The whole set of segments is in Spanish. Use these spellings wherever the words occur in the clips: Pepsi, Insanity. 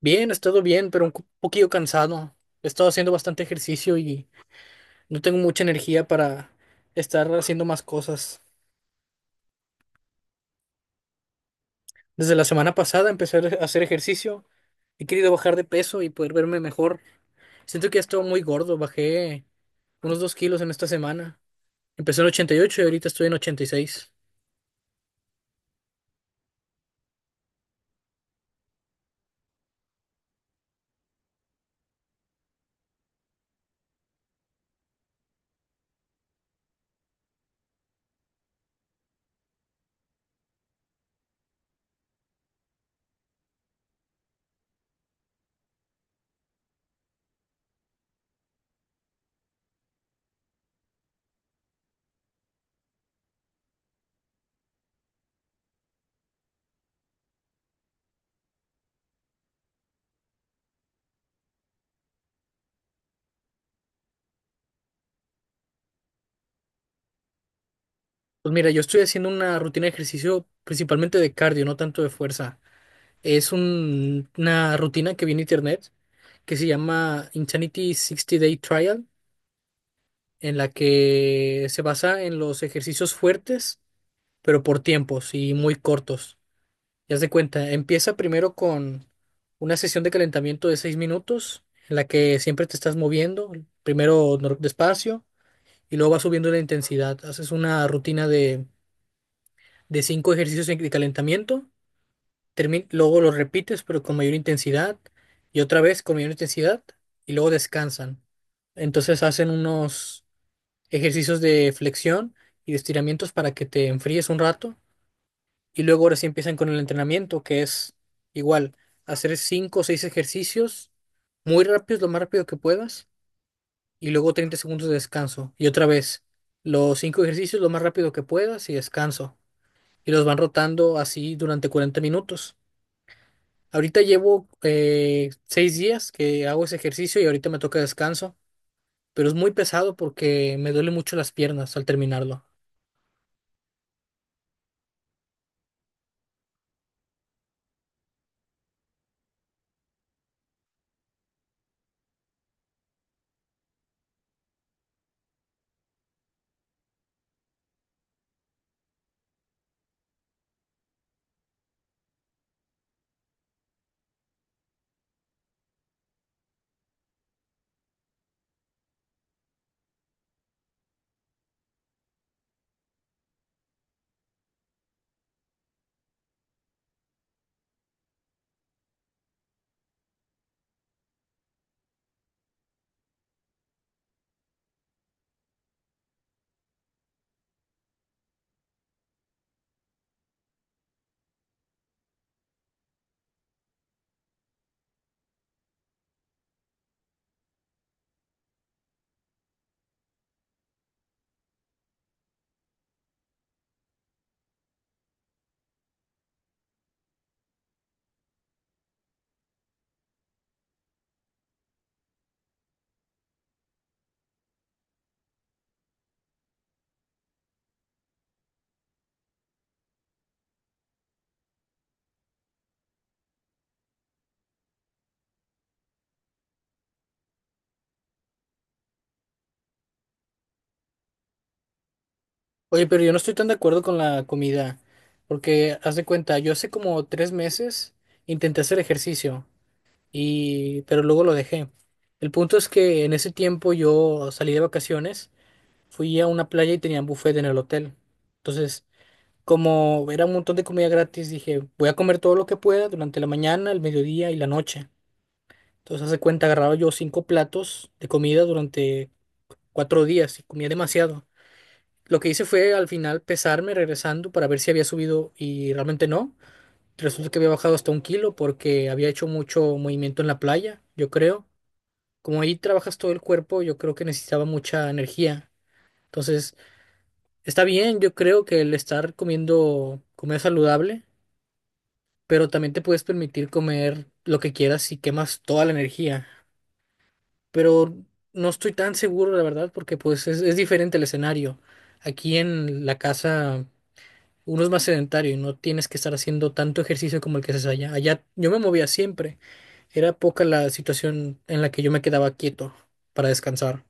Bien, he estado bien, pero un poquillo cansado. He estado haciendo bastante ejercicio y no tengo mucha energía para estar haciendo más cosas. Desde la semana pasada empecé a hacer ejercicio. He querido bajar de peso y poder verme mejor. Siento que he estado muy gordo. Bajé unos 2 kilos en esta semana. Empecé en 88 y ocho y ahorita estoy en 86. Pues mira, yo estoy haciendo una rutina de ejercicio principalmente de cardio, no tanto de fuerza. Es una rutina que vi en internet que se llama Insanity sixty Day Trial en la que se basa en los ejercicios fuertes, pero por tiempos y muy cortos. Ya se cuenta, empieza primero con una sesión de calentamiento de 6 minutos, en la que siempre te estás moviendo, primero despacio y luego vas subiendo la intensidad. Haces una rutina de 5 ejercicios de calentamiento, luego los repites, pero con mayor intensidad, y otra vez con mayor intensidad, y luego descansan. Entonces hacen unos ejercicios de flexión y de estiramientos para que te enfríes un rato. Y luego ahora sí empiezan con el entrenamiento, que es igual, hacer cinco o seis ejercicios muy rápidos, lo más rápido que puedas, y luego 30 segundos de descanso. Y otra vez, los cinco ejercicios lo más rápido que puedas y descanso. Y los van rotando así durante 40 minutos. Ahorita llevo 6 días que hago ese ejercicio y ahorita me toca descanso, pero es muy pesado porque me duele mucho las piernas al terminarlo. Oye, pero yo no estoy tan de acuerdo con la comida, porque haz de cuenta, yo hace como 3 meses intenté hacer ejercicio y pero luego lo dejé. El punto es que en ese tiempo yo salí de vacaciones, fui a una playa y tenían buffet en el hotel. Entonces, como era un montón de comida gratis, dije, voy a comer todo lo que pueda durante la mañana, el mediodía y la noche. Entonces, haz de cuenta, agarraba yo cinco platos de comida durante 4 días y comía demasiado. Lo que hice fue al final pesarme regresando para ver si había subido y realmente no. Resulta que había bajado hasta un kilo porque había hecho mucho movimiento en la playa, yo creo. Como ahí trabajas todo el cuerpo, yo creo que necesitaba mucha energía. Entonces, está bien, yo creo que el estar comiendo comer saludable, pero también te puedes permitir comer lo que quieras y quemas toda la energía. Pero no estoy tan seguro, la verdad, porque pues es diferente el escenario. Aquí en la casa uno es más sedentario y no tienes que estar haciendo tanto ejercicio como el que haces allá. Allá yo me movía siempre. Era poca la situación en la que yo me quedaba quieto para descansar.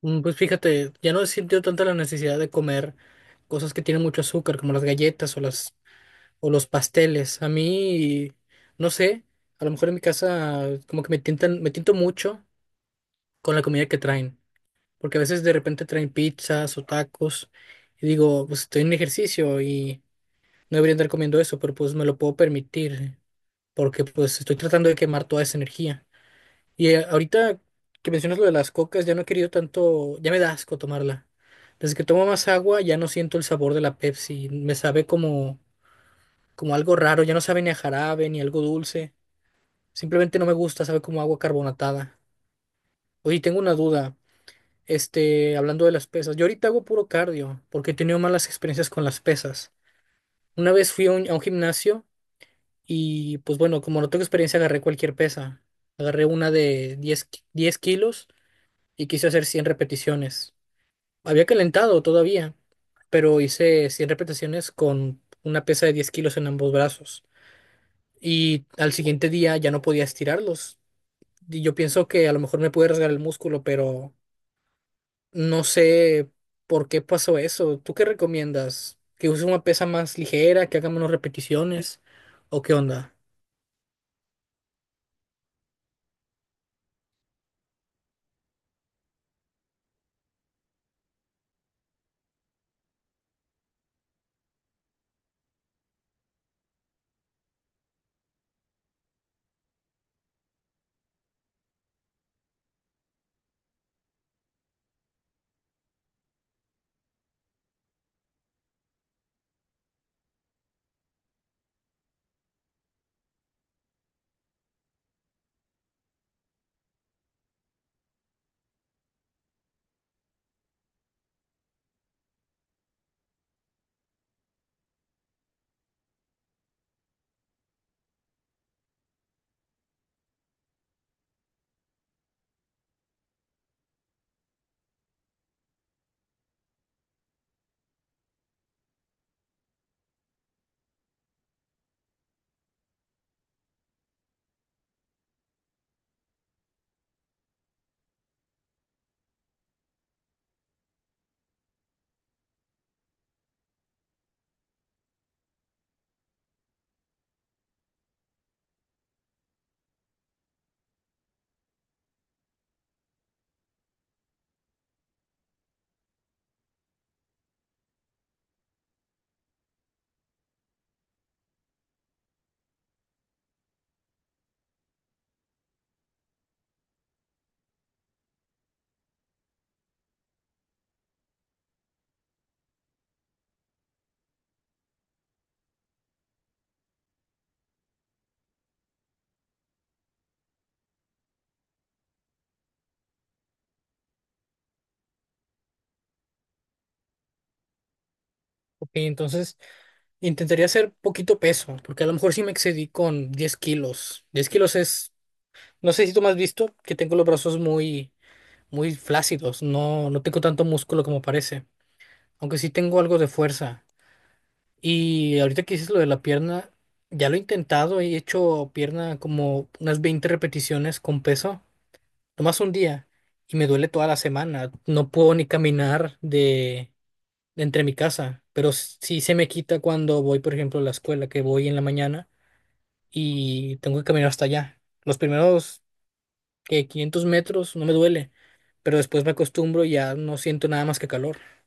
Mm, pues fíjate, ya no he sentido tanta la necesidad de comer cosas que tienen mucho azúcar, como las galletas o los pasteles. A mí, no sé, a lo mejor en mi casa como que me tientan, me tiento mucho con la comida que traen, porque a veces de repente traen pizzas o tacos y digo, pues estoy en ejercicio y no debería andar comiendo eso, pero pues me lo puedo permitir, porque pues estoy tratando de quemar toda esa energía. Y ahorita que mencionas lo de las cocas, ya no he querido tanto, ya me da asco tomarla. Desde que tomo más agua, ya no siento el sabor de la Pepsi, me sabe como, como algo raro, ya no sabe ni a jarabe, ni algo dulce. Simplemente no me gusta, sabe como agua carbonatada. Oye, tengo una duda, este, hablando de las pesas, yo ahorita hago puro cardio, porque he tenido malas experiencias con las pesas. Una vez fui a un gimnasio. Y pues bueno, como no tengo experiencia, agarré cualquier pesa. Agarré una de 10 kilos y quise hacer 100 repeticiones. Había calentado todavía, pero hice 100 repeticiones con una pesa de 10 kilos en ambos brazos. Y al siguiente día ya no podía estirarlos. Y yo pienso que a lo mejor me pude rasgar el músculo, pero no sé por qué pasó eso. ¿Tú qué recomiendas? ¿Que use una pesa más ligera, que haga menos repeticiones? ¿O qué onda? Ok, entonces... Intentaría hacer poquito peso, porque a lo mejor sí me excedí con 10 kilos. 10 kilos es, no sé si tú me has visto, que tengo los brazos muy, muy flácidos, no, no tengo tanto músculo como parece, aunque sí tengo algo de fuerza. Y ahorita que dices lo de la pierna, ya lo he intentado, he hecho pierna como unas 20 repeticiones con peso, nomás un día, y me duele toda la semana, no puedo ni caminar de entre mi casa, pero sí se me quita cuando voy, por ejemplo, a la escuela, que voy en la mañana. Y tengo que caminar hasta allá. Los primeros que 500 metros no me duele, pero después me acostumbro y ya no siento nada más que calor.